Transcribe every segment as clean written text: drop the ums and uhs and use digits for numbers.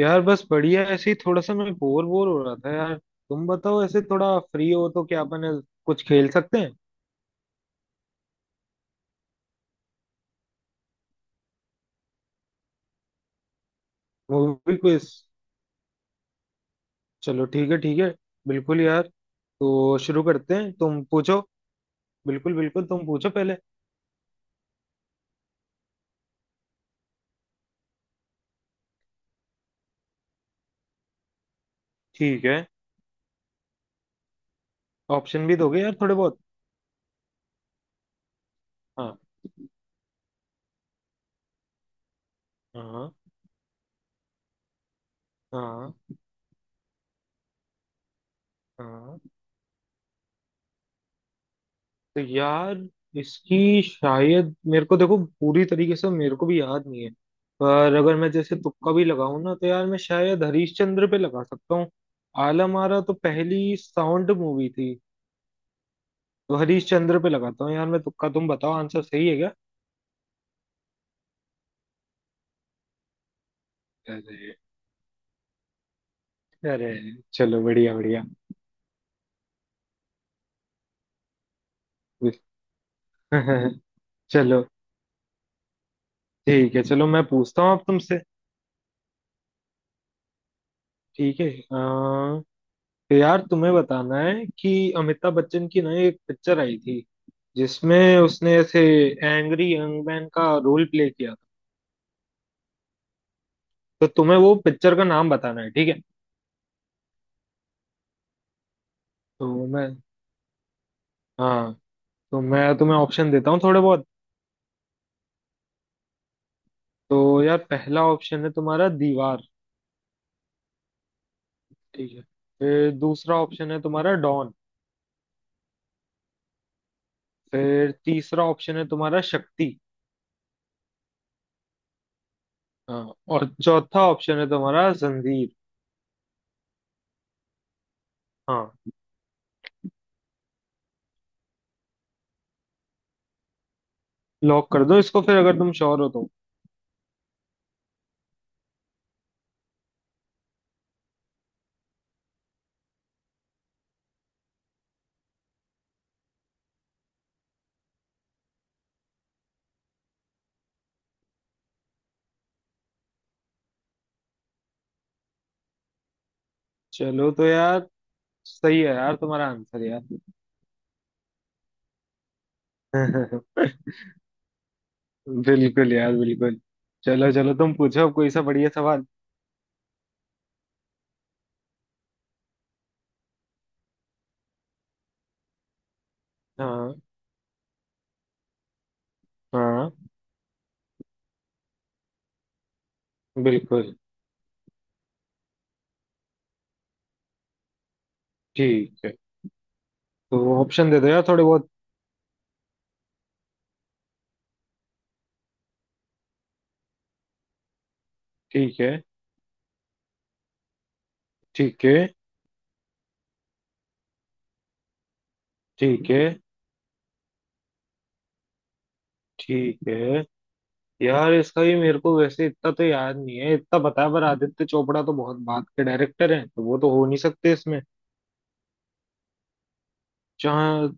यार बस बढ़िया ऐसे ही थोड़ा सा मैं बोर बोर हो रहा था यार। तुम बताओ ऐसे थोड़ा फ्री हो तो क्या अपन ऐसे कुछ खेल सकते हैं। Movie quiz. चलो ठीक है, ठीक है, बिल्कुल यार। तो शुरू करते हैं, तुम पूछो। बिल्कुल बिल्कुल, तुम पूछो पहले। ठीक है, ऑप्शन भी दोगे यार थोड़े बहुत। हाँ हाँ हाँ हाँ। तो यार इसकी शायद, मेरे को देखो, पूरी तरीके से मेरे को भी याद नहीं है, पर अगर मैं जैसे तुक्का भी लगाऊं ना तो यार मैं शायद हरीश चंद्र पे लगा सकता हूँ। आलम आरा तो पहली साउंड मूवी थी। तो हरीश चंद्र पे लगाता हूँ यार मैं तुक्का। तुम बताओ आंसर सही है क्या। अरे, अरे, चलो बढ़िया बढ़िया। चलो ठीक है, चलो मैं पूछता हूँ अब तुमसे। ठीक है। यार तुम्हें बताना है कि अमिताभ बच्चन की ना एक पिक्चर आई थी, जिसमें उसने ऐसे एंग्री यंग मैन का रोल प्ले किया था। तो तुम्हें वो पिक्चर का नाम बताना है, ठीक है। तो मैं हाँ, तो मैं तुम्हें ऑप्शन देता हूँ थोड़े बहुत। तो यार पहला ऑप्शन है तुम्हारा दीवार। ठीक है, फिर दूसरा ऑप्शन है तुम्हारा डॉन। फिर तीसरा ऑप्शन है तुम्हारा शक्ति। हाँ, और चौथा ऑप्शन है तुम्हारा जंजीर। हाँ, लॉक कर दो इसको फिर, अगर तुम श्योर हो तो। चलो, तो यार सही है यार तुम्हारा आंसर यार। बिल्कुल यार, बिल्कुल। चलो चलो, तुम पूछो अब कोई सा बढ़िया सवाल। हाँ हाँ, बिल्कुल ठीक है, तो ऑप्शन दे दो यार थोड़े बहुत। ठीक है, ठीक है, ठीक है, ठीक है। यार इसका भी मेरे को वैसे इतना तो याद नहीं है, इतना पता है पर आदित्य चोपड़ा तो बहुत बात के डायरेक्टर हैं, तो वो तो हो नहीं सकते इसमें। जहाँ,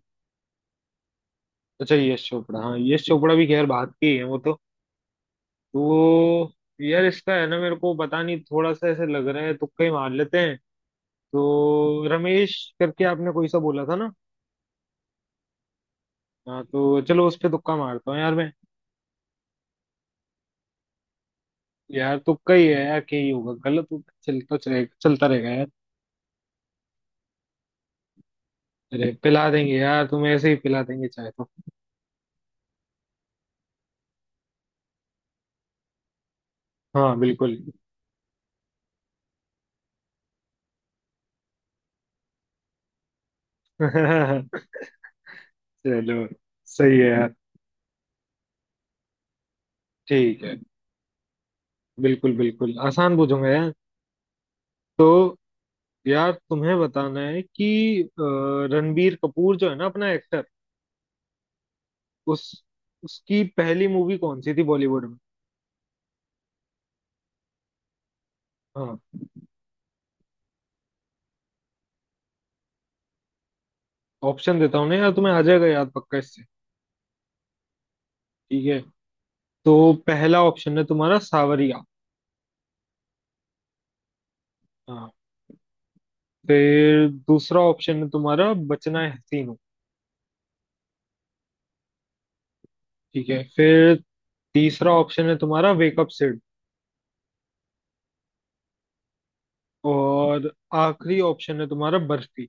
अच्छा यश चोपड़ा, हाँ यश चोपड़ा भी खैर बात के ही है वो तो। तो यार इसका है ना, मेरे को पता नहीं, थोड़ा सा ऐसे लग रहा है, तुक्का ही मार लेते हैं। तो रमेश करके आपने कोई सा बोला था ना। हाँ, तो चलो उस पे तुक्का मारता हूँ यार मैं। यार तुक्का ही है यार, क्या ही होगा, गलत होगा, चलता, चलेगा, चलता रहेगा यार। अरे पिला देंगे यार तुम ऐसे ही, पिला देंगे चाहे तो। हाँ बिल्कुल। चलो, सही है यार। ठीक है, बिल्कुल बिल्कुल आसान पूछूंगा यार। तो यार तुम्हें बताना है कि रणबीर कपूर जो है ना अपना एक्टर, उस उसकी पहली मूवी कौन सी थी बॉलीवुड में। हाँ, ऑप्शन देता हूँ ना यार, तुम्हें आ जाएगा याद पक्का इससे। ठीक है, तो पहला ऑप्शन है तुम्हारा सावरिया। हाँ, फिर दूसरा ऑप्शन है तुम्हारा बचना है हसीनो। ठीक है, फिर तीसरा ऑप्शन है तुम्हारा वेकअप सिड। और आखिरी ऑप्शन है तुम्हारा बर्फी।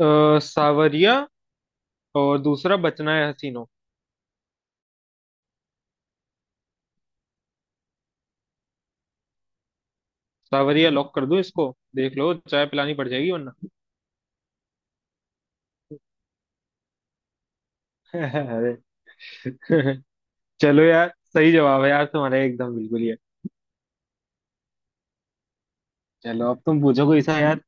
सावरिया, और दूसरा बचना है हसीनो। सावरिया लॉक कर दो इसको। देख लो चाय पिलानी पड़ जाएगी वरना। अरे। चलो यार, सही जवाब है यार तुम्हारा, एकदम बिल्कुल ही है। चलो अब तुम पूछो कोई सा यार।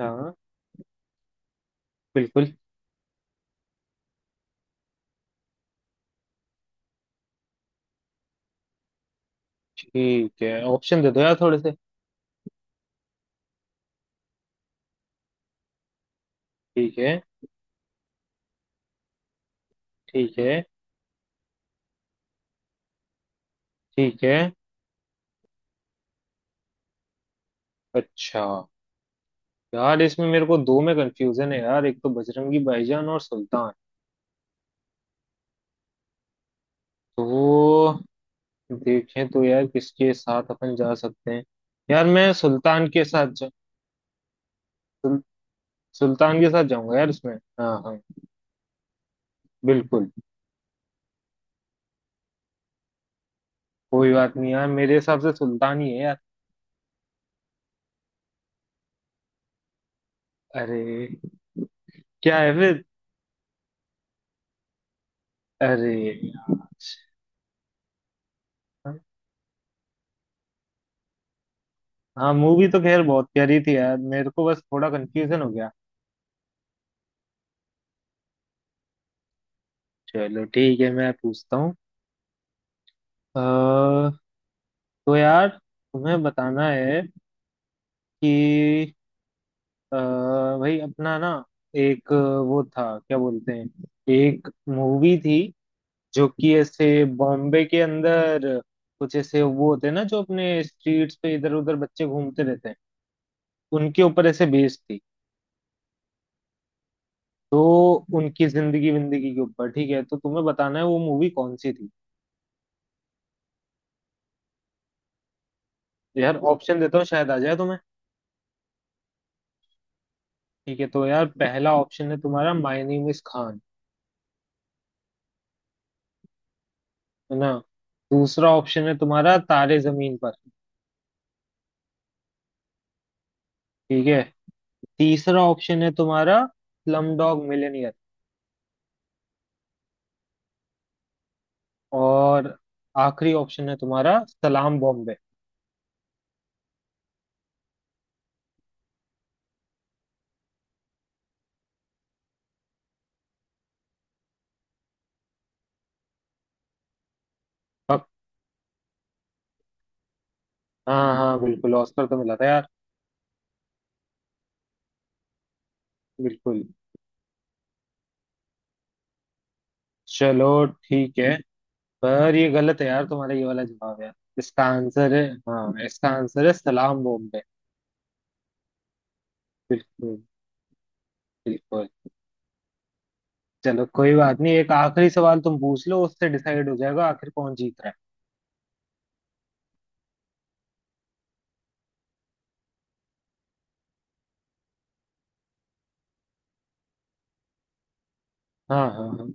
हाँ बिल्कुल। ठीक है, ऑप्शन दे दो यार थोड़े से। ठीक है, ठीक है, ठीक है। अच्छा, यार इसमें मेरे को दो में कंफ्यूजन है यार, एक तो बजरंगी भाईजान और सुल्तान। तो देखें तो यार किसके साथ अपन जा सकते हैं। यार मैं सुल्तान के साथ सुल, सुल्तान के साथ जाऊंगा यार इसमें। हाँ हाँ, बिल्कुल। कोई बात नहीं, यार मेरे हिसाब से सुल्तान ही है यार। अरे, क्या है फिर। अरे यार। हाँ, मूवी तो खैर बहुत प्यारी थी यार, मेरे को बस थोड़ा कंफ्यूजन हो गया। चलो ठीक है, मैं पूछता हूँ। अ, तो यार तुम्हें बताना है कि अ, भाई अपना ना एक, वो था क्या बोलते हैं, एक मूवी थी, जो कि ऐसे बॉम्बे के अंदर कुछ ऐसे वो होते हैं ना जो अपने स्ट्रीट्स पे इधर उधर बच्चे घूमते रहते हैं, उनके ऊपर ऐसे बेस्ड थी। तो उनकी जिंदगी विंदगी के ऊपर, ठीक है। तो तुम्हें बताना है वो मूवी कौन सी थी। तो यार ऑप्शन देता हूँ, शायद आ जाए तुम्हें। ठीक है, तो यार पहला ऑप्शन है तुम्हारा माय नेम इज खान। है ना, दूसरा ऑप्शन है तुम्हारा तारे जमीन पर। ठीक है, तीसरा ऑप्शन है तुम्हारा स्लम डॉग मिलियनेयर। और आखिरी ऑप्शन है तुम्हारा सलाम बॉम्बे। पक- हाँ हाँ बिल्कुल, ऑस्कर तो मिला था यार। बिल्कुल। चलो ठीक है, पर ये गलत है यार तुम्हारा, ये वाला जवाब यार। इसका आंसर है, हाँ, इसका आंसर है सलाम बॉम्बे। बिल्कुल बिल्कुल। चलो कोई बात नहीं, एक आखिरी सवाल तुम पूछ लो, उससे डिसाइड हो जाएगा आखिर कौन जीत रहा है। हाँ हाँ हाँ।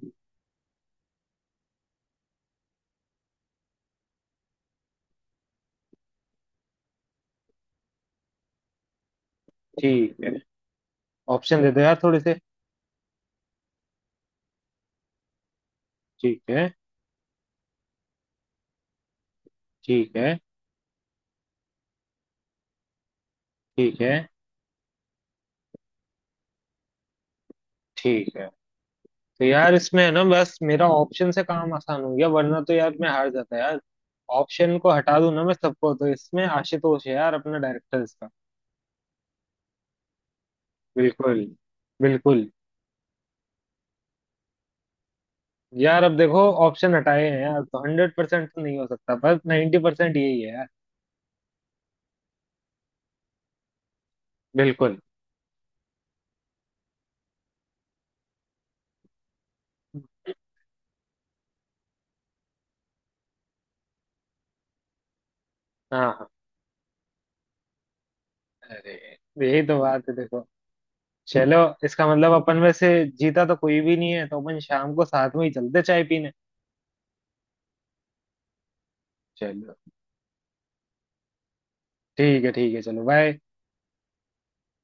ठीक है, ऑप्शन दे दो यार थोड़े से। ठीक है, ठीक है, ठीक है, ठीक है। तो यार इसमें है ना, बस मेरा ऑप्शन से काम आसान हो गया, वरना तो यार मैं हार जाता यार। ऑप्शन को हटा दूं ना मैं सबको, तो इसमें आशुतोष है यार अपना डायरेक्टर इसका। बिल्कुल बिल्कुल। यार अब देखो, ऑप्शन हटाए हैं यार तो 100% तो नहीं हो सकता, पर 90% यही है यार। बिल्कुल। हाँ हाँ। अरे यही तो बात है देखो। चलो, इसका मतलब अपन में से जीता तो कोई भी नहीं है, तो अपन शाम को साथ में ही चलते चाय पीने। चलो ठीक है, ठीक है, चलो बाय।